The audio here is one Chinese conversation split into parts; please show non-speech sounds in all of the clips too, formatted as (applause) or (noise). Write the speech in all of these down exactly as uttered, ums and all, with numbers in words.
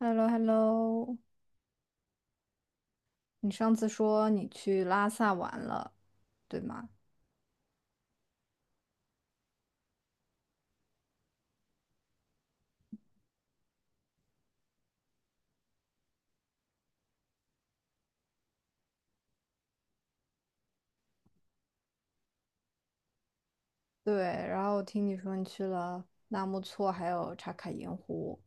h e l l o h e l l o 你上次说你去拉萨玩了，对吗？对，然后我听你说你去了纳木错，还有茶卡盐湖。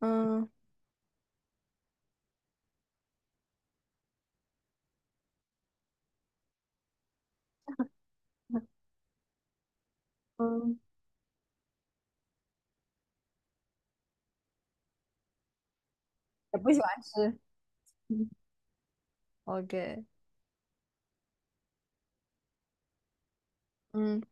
嗯嗯，也不喜欢吃。嗯 OK，嗯，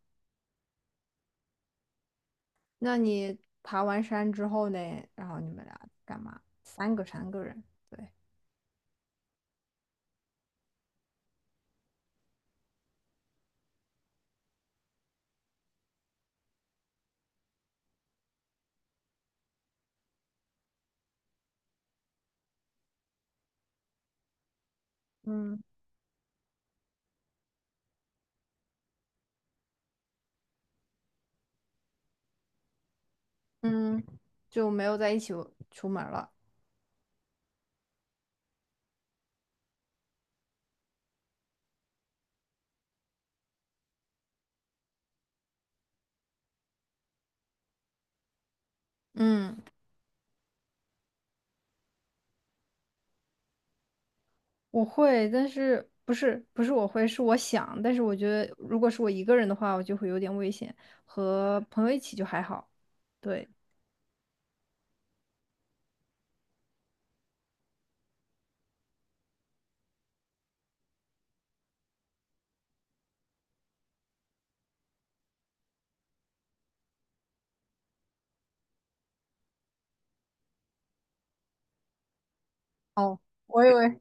那你爬完山之后呢？然后你们俩干嘛？三个三个人，对，嗯嗯，就没有在一起出门了。嗯。我会，但是不是不是我会，是我想。但是我觉得，如果是我一个人的话，我就会有点危险。和朋友一起就还好。对，哦，我以为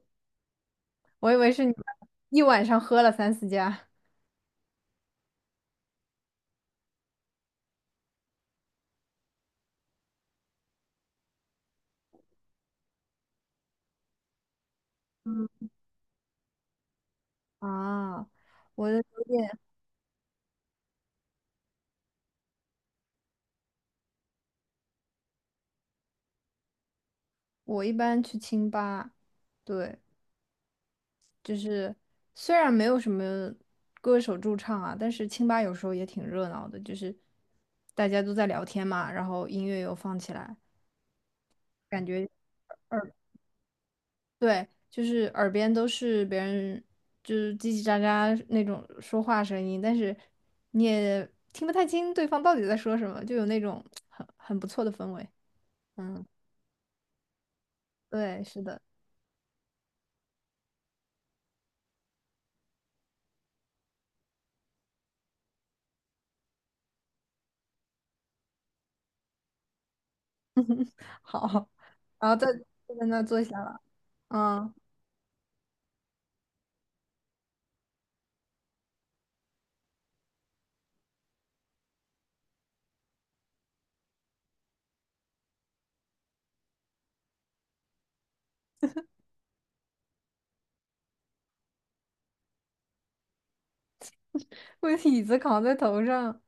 (laughs) 我以为是你们一晚上喝了三四家。嗯，啊，我的有点，我一般去清吧，对，就是虽然没有什么歌手驻唱啊，但是清吧有时候也挺热闹的，就是大家都在聊天嘛，然后音乐又放起来，感觉。对，就是耳边都是别人就是叽叽喳喳那种说话声音，但是你也听不太清对方到底在说什么，就有那种很很不错的氛围。嗯，对，是的，好，然后在就在那坐下了，嗯，我的椅子扛在头上。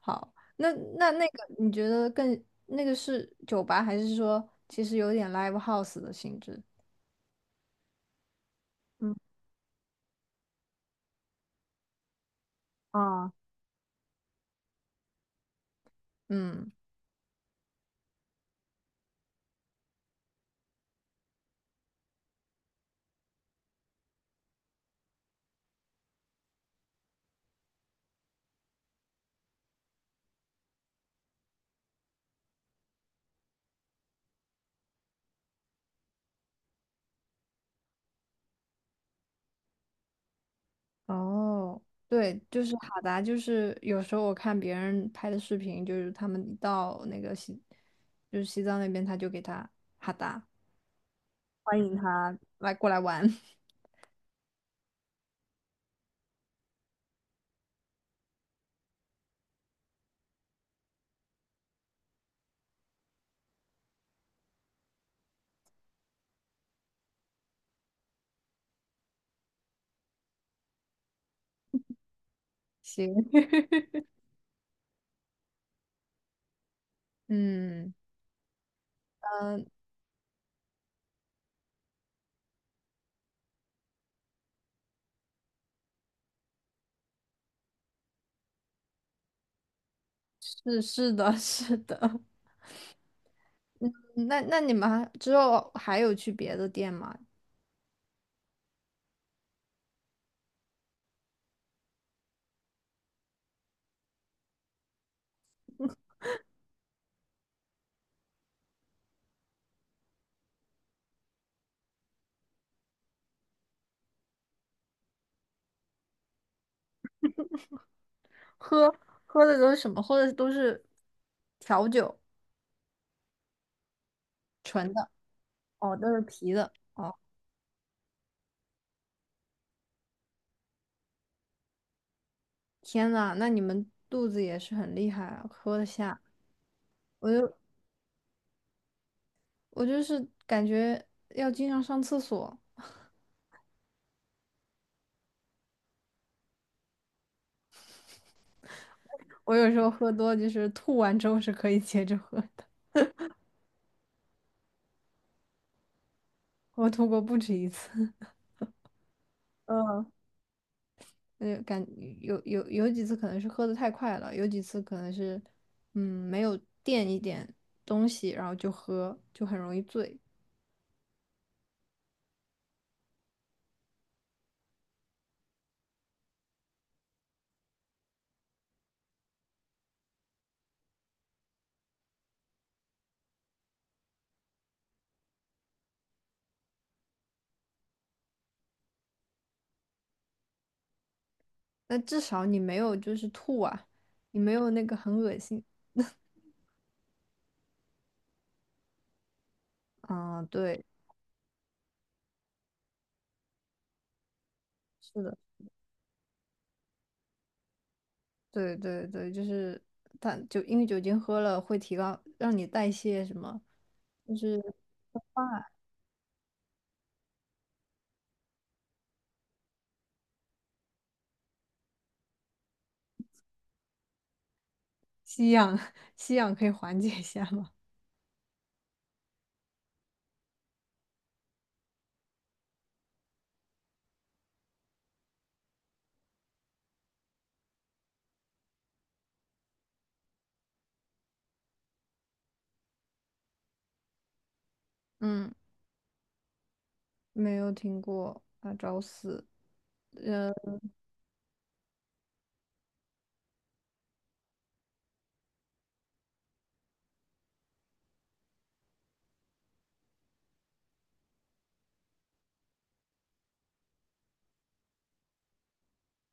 好，那那那个你觉得更那个是酒吧，还是说其实有点 live house 的性质？嗯啊，嗯。哦，对，就是哈达，就是有时候我看别人拍的视频，就是他们一到那个西，就是西藏那边，他就给他哈达，欢迎他来过来玩。(laughs) 行，(laughs) 嗯嗯，是是的，(laughs) 是的。那那你们还之后还有去别的店吗？喝喝的都是什么？喝的都是调酒，纯的，哦，都是啤的。天呐，那你们肚子也是很厉害啊，喝得下。我就。我就是感觉要经常上厕所。我有时候喝多，就是吐完之后是可以接着喝的。我吐过不止一次，(laughs) 嗯，呃，感有有有几次可能是喝的太快了，有几次可能是嗯没有垫一点东西，然后就喝，就很容易醉。那至少你没有就是吐啊，你没有那个很恶心。啊，对，是的。对对对，就是它就因为酒精喝了会提高，让你代谢什么，就是吸氧，(laughs) 吸氧可以缓解一下吗？嗯，没有听过啊，找死。呃，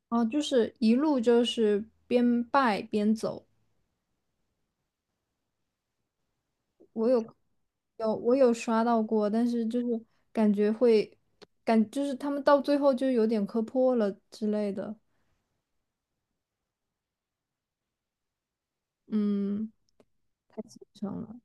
哦，就是一路就是边拜边走，我有有我有刷到过，但是就是感觉会感就是他们到最后就有点磕破了之类的，嗯，太虔诚了。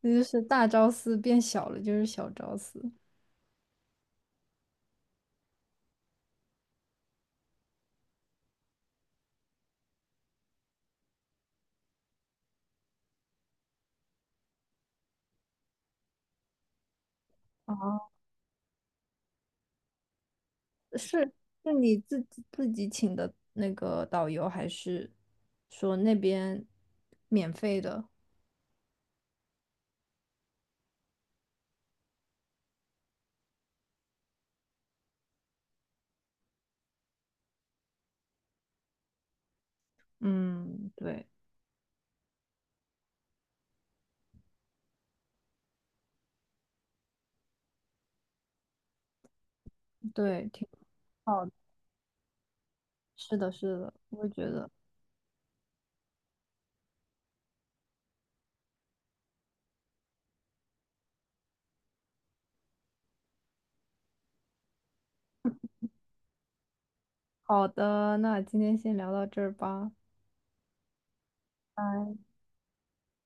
那就是大昭寺变小了，就是小昭寺。啊。是是你自己自己请的那个导游，还是说那边免费的？嗯，对对，挺好的。是的，是的，我也觉得。好的，那今天先聊到这儿吧。拜。